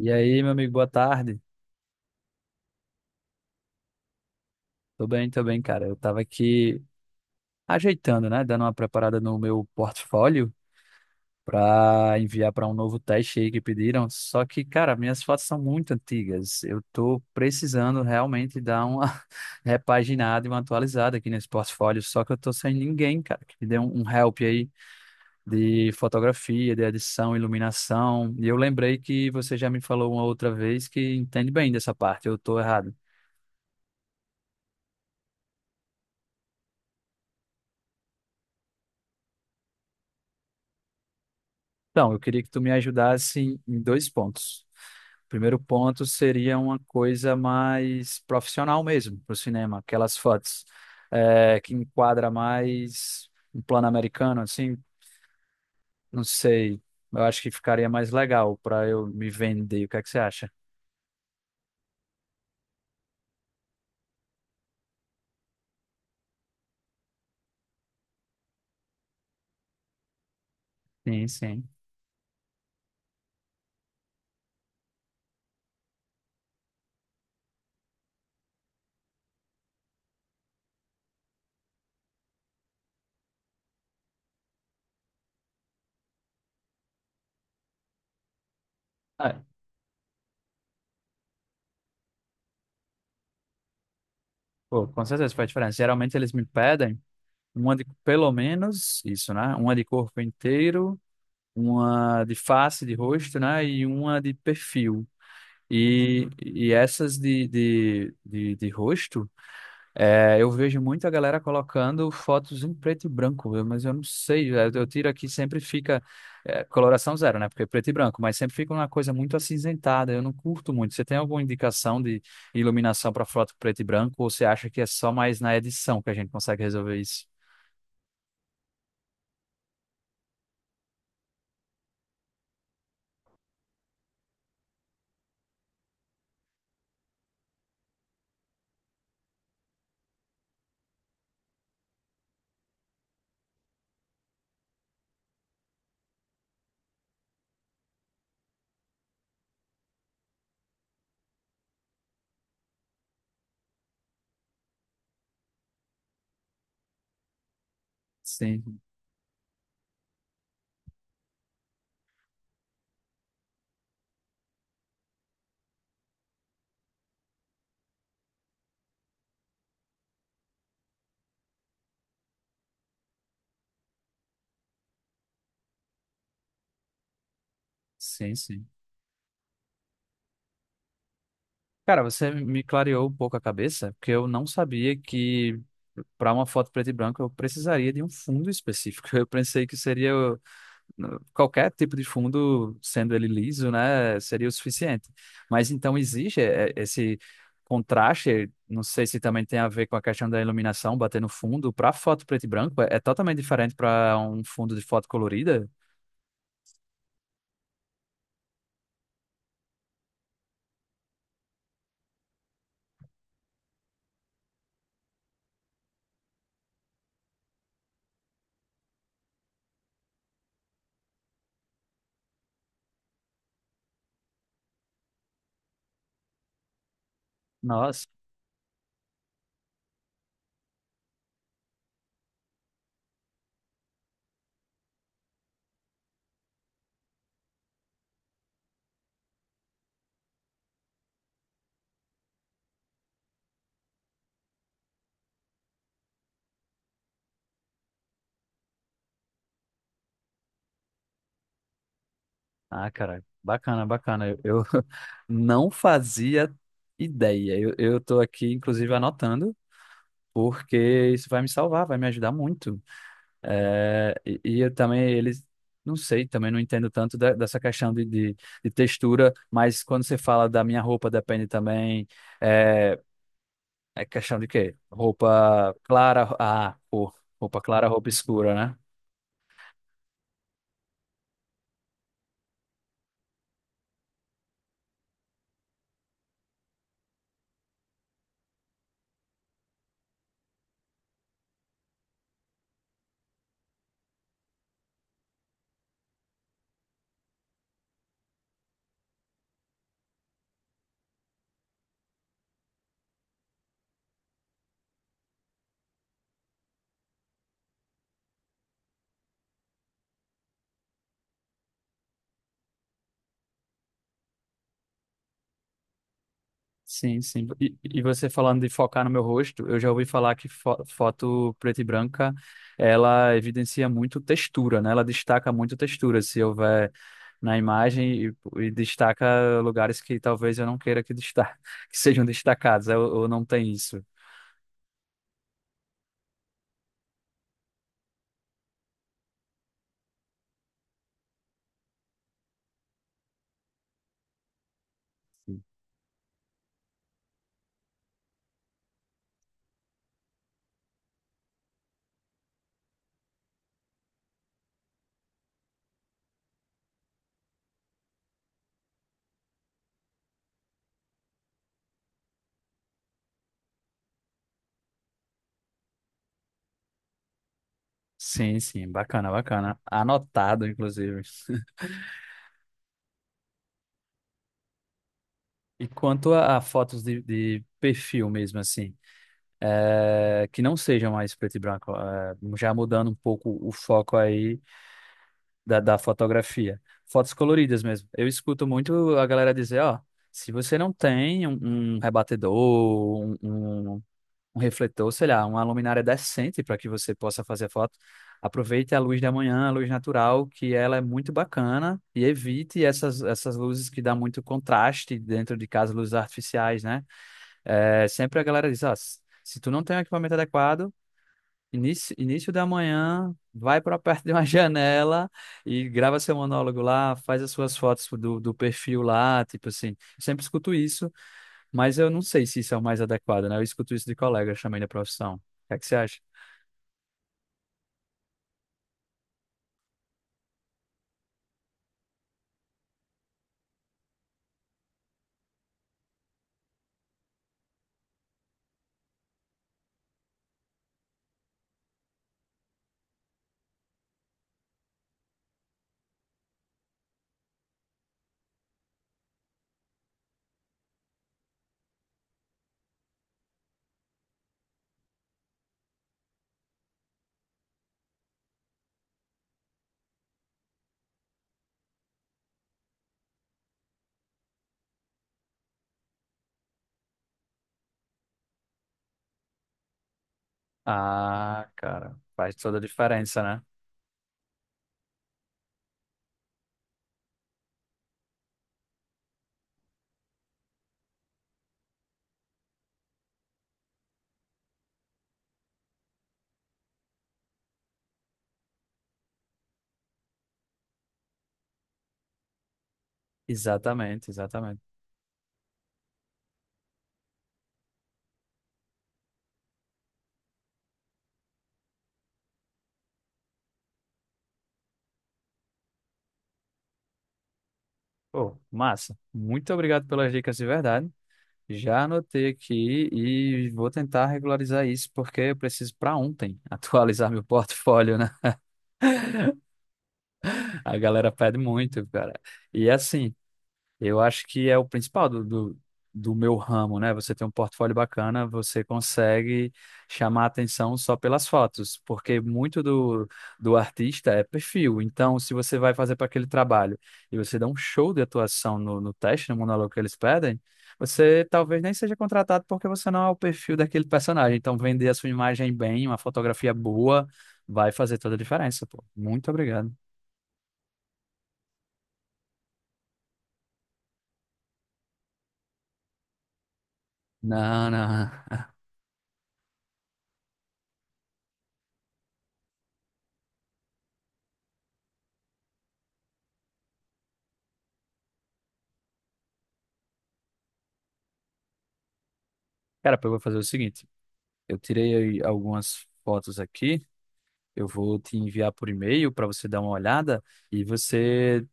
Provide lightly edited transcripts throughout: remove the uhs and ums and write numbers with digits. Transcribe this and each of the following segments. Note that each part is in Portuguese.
E aí, meu amigo, boa tarde. Tô bem, cara. Eu tava aqui ajeitando, né? Dando uma preparada no meu portfólio pra enviar pra um novo teste aí que pediram. Só que, cara, minhas fotos são muito antigas. Eu tô precisando realmente dar uma repaginada e uma atualizada aqui nesse portfólio. Só que eu tô sem ninguém, cara, que me dê um help aí de fotografia, de edição, iluminação. E eu lembrei que você já me falou uma outra vez que entende bem dessa parte. Eu tô errado. Então, eu queria que tu me ajudasse em dois pontos. O primeiro ponto seria uma coisa mais profissional mesmo para o cinema, aquelas fotos que enquadra mais um plano americano, assim, não sei, eu acho que ficaria mais legal para eu me vender. O que é que você acha? Sim, sim. Ah, pô, com certeza faz diferença. Geralmente eles me pedem uma de pelo menos isso, né? Uma de corpo inteiro, uma de face, de rosto, né? E uma de perfil. E essas de rosto, é, eu vejo muito a galera colocando fotos em preto e branco, eu- mas eu não sei, eu tiro aqui sempre fica é, coloração zero, né? Porque é preto e branco, mas sempre fica uma coisa muito acinzentada, eu não curto muito. Você tem alguma indicação de iluminação para foto preto e branco, ou você acha que é só mais na edição que a gente consegue resolver isso? Sim, sim, sim. Cara, você me clareou um pouco a cabeça, porque eu não sabia que para uma foto preto e branco eu precisaria de um fundo específico. Eu pensei que seria qualquer tipo de fundo, sendo ele liso, né, seria o suficiente. Mas então existe esse contraste, não sei se também tem a ver com a questão da iluminação bater no fundo. Para foto preto e branco é totalmente diferente para um fundo de foto colorida. Nossa. Ah, cara, bacana, bacana. Eu não fazia ideia. Eu tô aqui, inclusive, anotando, porque isso vai me salvar, vai me ajudar muito. É, e eu também, eles, não sei, também não entendo tanto da- dessa questão de textura, mas quando você fala da minha roupa, depende também. É, é questão de quê? Roupa clara, ah, cor. Roupa clara, roupa escura, né? Sim, sim. E você falando de focar no meu rosto, eu já ouvi falar que fo- foto preta e branca, ela evidencia muito textura, né? Ela destaca muito textura, se houver na imagem e destaca lugares que talvez eu não queira que, desta que sejam destacados, eu não tenho isso. Sim, sim, bacana, bacana. Anotado, inclusive. E quanto a fotos de perfil mesmo, assim, que não sejam mais preto e branco, já mudando um pouco o foco aí, da, da fotografia. Fotos coloridas mesmo. Eu escuto muito a galera dizer, ó, se você não tem um rebatedor, um- um refletor, sei lá, uma luminária decente para que você possa fazer foto, aproveite a luz da manhã, a luz natural, que ela é muito bacana e evite essas luzes que dá muito contraste dentro de casa, luzes artificiais, né? É, sempre a galera diz, ó, se tu não tem um equipamento adequado, início, início da manhã, vai para perto de uma janela e grava seu monólogo lá, faz as suas fotos do, do perfil lá, tipo assim. Sempre escuto isso, mas eu não sei se isso é o mais adequado, né? Eu escuto isso de colegas também da profissão. O que é que você acha? Ah, cara, faz toda a diferença, né? Exatamente, exatamente. Pô, massa. Muito obrigado pelas dicas de verdade. Já anotei aqui e vou tentar regularizar isso, porque eu preciso para ontem atualizar meu portfólio, né? A galera pede muito, cara. E assim, eu acho que é o principal do meu ramo, né? Você tem um portfólio bacana, você consegue chamar a atenção só pelas fotos, porque muito do, do artista é perfil. Então, se você vai fazer para aquele trabalho e você dá um show de atuação no, no teste, no monólogo que eles pedem, você talvez nem seja contratado porque você não é o perfil daquele personagem. Então, vender a sua imagem bem, uma fotografia boa, vai fazer toda a diferença, pô. Muito obrigado. Não, não. Cara, eu vou fazer o seguinte: eu tirei aí algumas fotos aqui, eu vou te enviar por e-mail para você dar uma olhada e você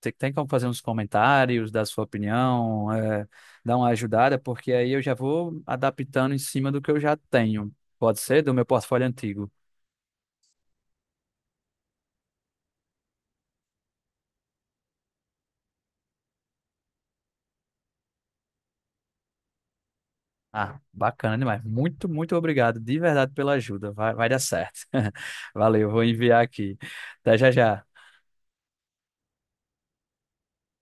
te- tem como fazer uns comentários, dar sua opinião, é, dar uma ajudada, porque aí eu já vou adaptando em cima do que eu já tenho. Pode ser do meu portfólio antigo. Ah, bacana demais. Muito, muito obrigado de verdade pela ajuda. Vai, vai dar certo. Valeu, vou enviar aqui. Até já já.